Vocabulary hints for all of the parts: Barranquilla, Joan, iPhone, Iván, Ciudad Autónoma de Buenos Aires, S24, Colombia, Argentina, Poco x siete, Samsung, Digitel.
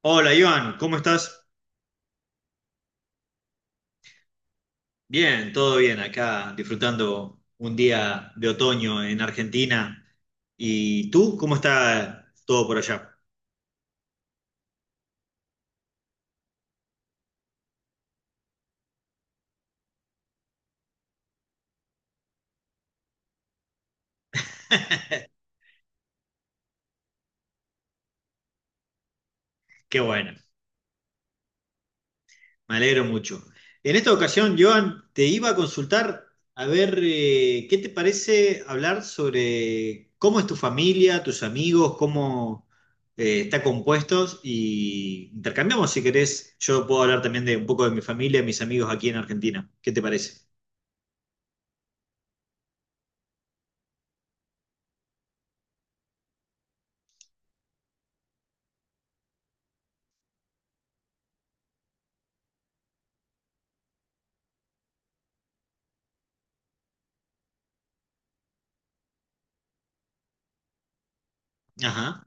Hola Iván, ¿cómo estás? Bien, todo bien, acá disfrutando un día de otoño en Argentina. ¿Y tú? ¿Cómo está todo por allá? Qué bueno, me alegro mucho. En esta ocasión, Joan, te iba a consultar a ver qué te parece hablar sobre cómo es tu familia, tus amigos, cómo está compuestos y intercambiamos si querés. Yo puedo hablar también de un poco de mi familia, mis amigos aquí en Argentina. ¿Qué te parece? Ajá.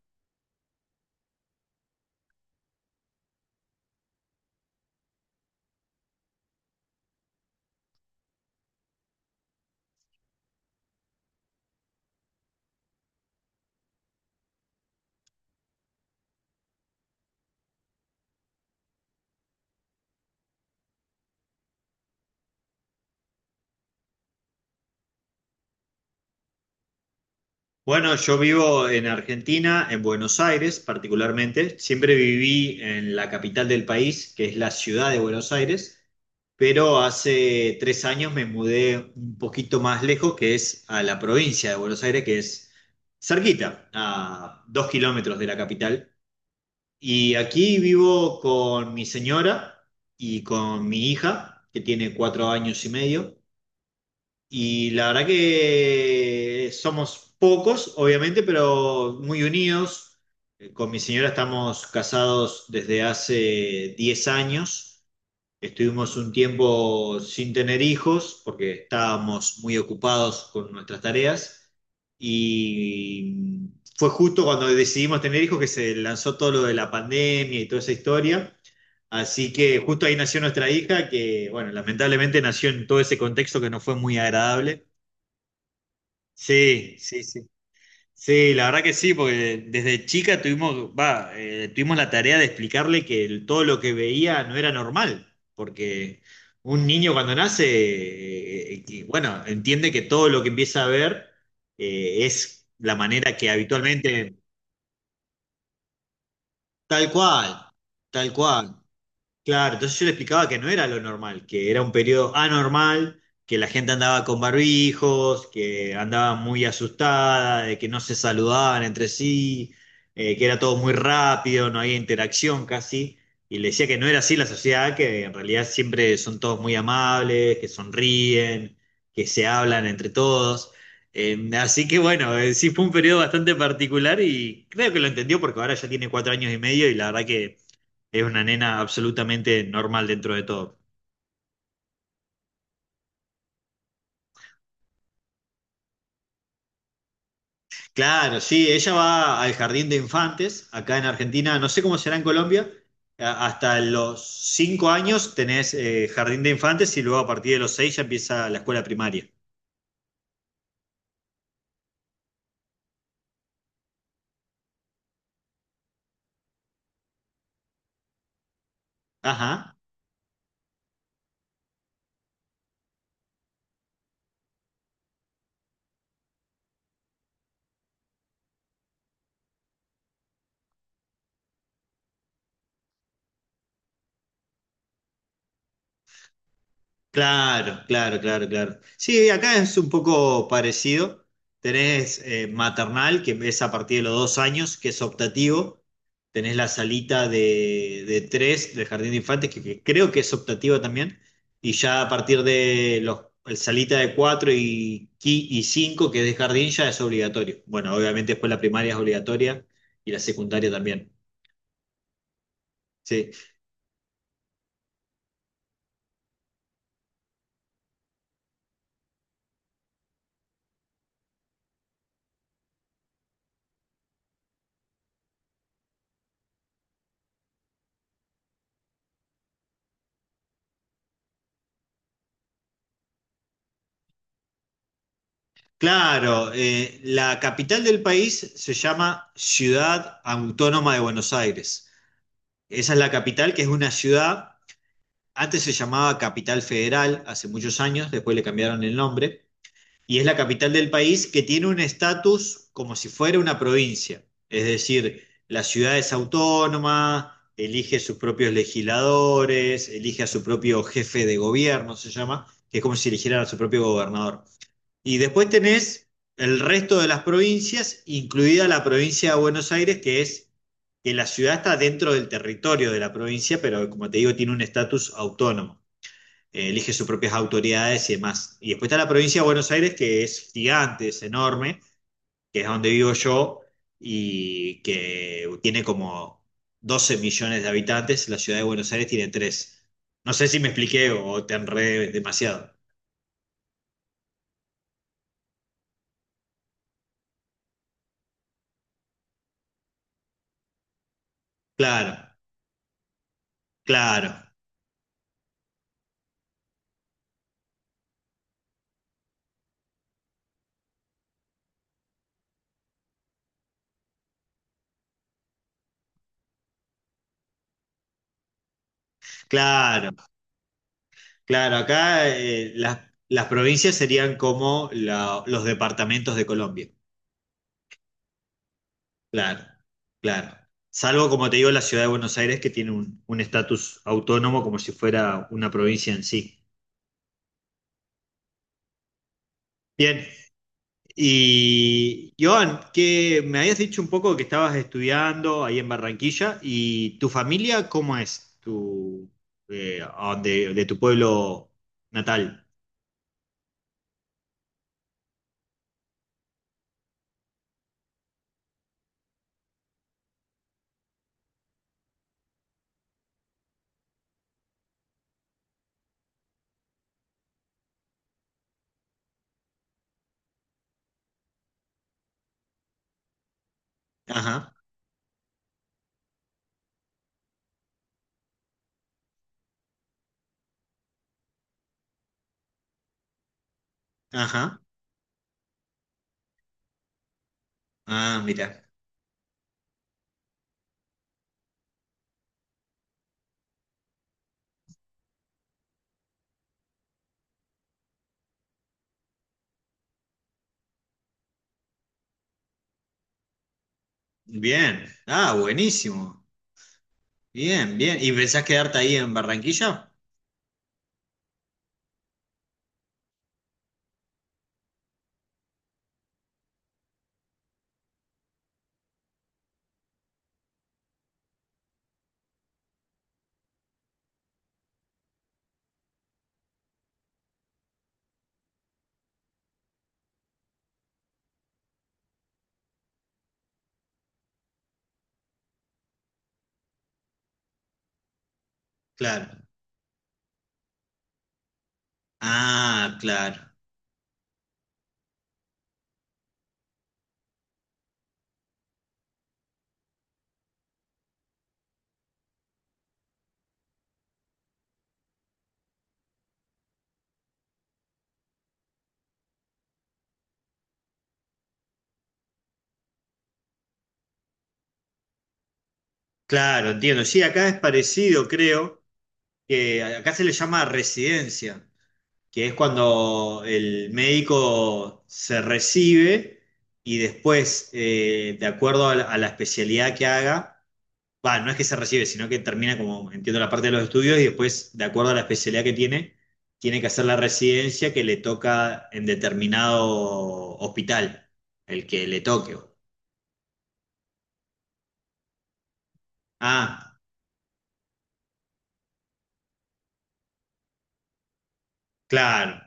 Bueno, yo vivo en Argentina, en Buenos Aires particularmente. Siempre viví en la capital del país, que es la ciudad de Buenos Aires, pero hace 3 años me mudé un poquito más lejos, que es a la provincia de Buenos Aires, que es cerquita, a 2 kilómetros de la capital. Y aquí vivo con mi señora y con mi hija, que tiene 4 años y medio. Y la verdad que somos pocos, obviamente, pero muy unidos. Con mi señora estamos casados desde hace 10 años. Estuvimos un tiempo sin tener hijos porque estábamos muy ocupados con nuestras tareas y fue justo cuando decidimos tener hijos que se lanzó todo lo de la pandemia y toda esa historia. Así que justo ahí nació nuestra hija que, bueno, lamentablemente nació en todo ese contexto que no fue muy agradable. Sí, sí, sí. Sí, la verdad que sí, porque desde chica tuvimos la tarea de explicarle que todo lo que veía no era normal, porque un niño cuando nace, que, bueno, entiende que todo lo que empieza a ver es la manera que habitualmente, tal cual, tal cual. Claro, entonces yo le explicaba que no era lo normal, que era un periodo anormal, que la gente andaba con barbijos, que andaba muy asustada, de que no se saludaban entre sí, que era todo muy rápido, no había interacción casi. Y le decía que no era así la sociedad, que en realidad siempre son todos muy amables, que sonríen, que se hablan entre todos. Así que bueno, sí fue un periodo bastante particular y creo que lo entendió porque ahora ya tiene 4 años y medio y la verdad que es una nena absolutamente normal dentro de todo. Claro, sí, ella va al jardín de infantes, acá en Argentina, no sé cómo será en Colombia, hasta los 5 años tenés jardín de infantes y luego a partir de los seis ya empieza la escuela primaria. Ajá. Claro, claro, claro, claro. Sí, acá es un poco parecido. Tenés maternal, que es a partir de los 2 años, que es optativo. Tenés la salita de tres del jardín de infantes, que creo que es optativo también. Y ya a partir de los el salita de cuatro y cinco, que es de jardín, ya es obligatorio. Bueno, obviamente después la primaria es obligatoria y la secundaria también. Sí. Claro, la capital del país se llama Ciudad Autónoma de Buenos Aires. Esa es la capital, que es una ciudad, antes se llamaba Capital Federal, hace muchos años, después le cambiaron el nombre, y es la capital del país que tiene un estatus como si fuera una provincia. Es decir, la ciudad es autónoma, elige sus propios legisladores, elige a su propio jefe de gobierno, se llama, que es como si eligieran a su propio gobernador. Y después tenés el resto de las provincias, incluida la provincia de Buenos Aires, que es que la ciudad está dentro del territorio de la provincia, pero como te digo, tiene un estatus autónomo. Elige sus propias autoridades y demás. Y después está la provincia de Buenos Aires, que es gigante, es enorme, que es donde vivo yo y que tiene como 12 millones de habitantes. La ciudad de Buenos Aires tiene tres. No sé si me expliqué o te enredé demasiado. Claro, claro, claro. Claro, acá las provincias serían como los departamentos de Colombia. Claro, claro. Salvo, como te digo, la ciudad de Buenos Aires, que tiene un estatus autónomo como si fuera una provincia en sí. Bien, y Joan, que me habías dicho un poco que estabas estudiando ahí en Barranquilla, ¿y tu familia cómo es? Tu, de tu pueblo natal. Ajá, ajá. Ah, mira. Bien, ah, buenísimo. Bien, bien. ¿Y pensás quedarte ahí en Barranquilla? Claro. Ah, claro. Claro, entiendo. Sí, acá es parecido, creo, que acá se le llama residencia, que es cuando el médico se recibe y después, de acuerdo a la especialidad que haga, va, no es que se recibe, sino que termina como, entiendo, la parte de los estudios y después, de acuerdo a la especialidad que tiene, tiene que hacer la residencia que le toca en determinado hospital, el que le toque. Ah, claro,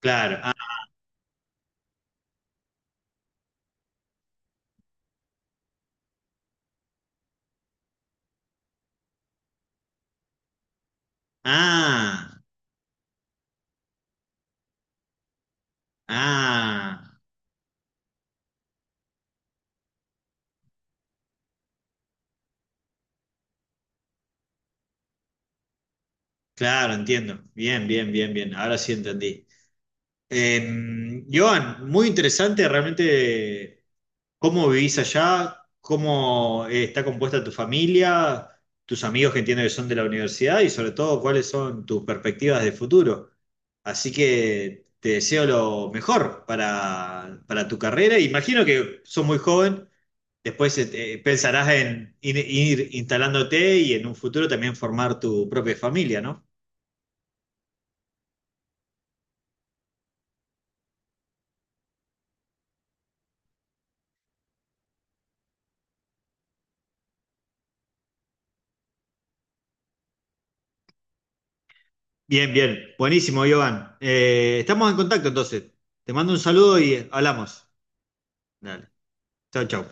claro. Ah, ah, ah, claro, entiendo. Bien, bien, bien, bien. Ahora sí entendí. Joan, muy interesante realmente cómo vivís allá, cómo está compuesta tu familia, tus amigos que entiendo que son de la universidad y sobre todo cuáles son tus perspectivas de futuro. Así que te deseo lo mejor para tu carrera. Imagino que sos muy joven, después pensarás en ir instalándote y en un futuro también formar tu propia familia, ¿no? Bien, bien. Buenísimo, Joan. Estamos en contacto entonces. Te mando un saludo y hablamos. Dale. Chau, chau.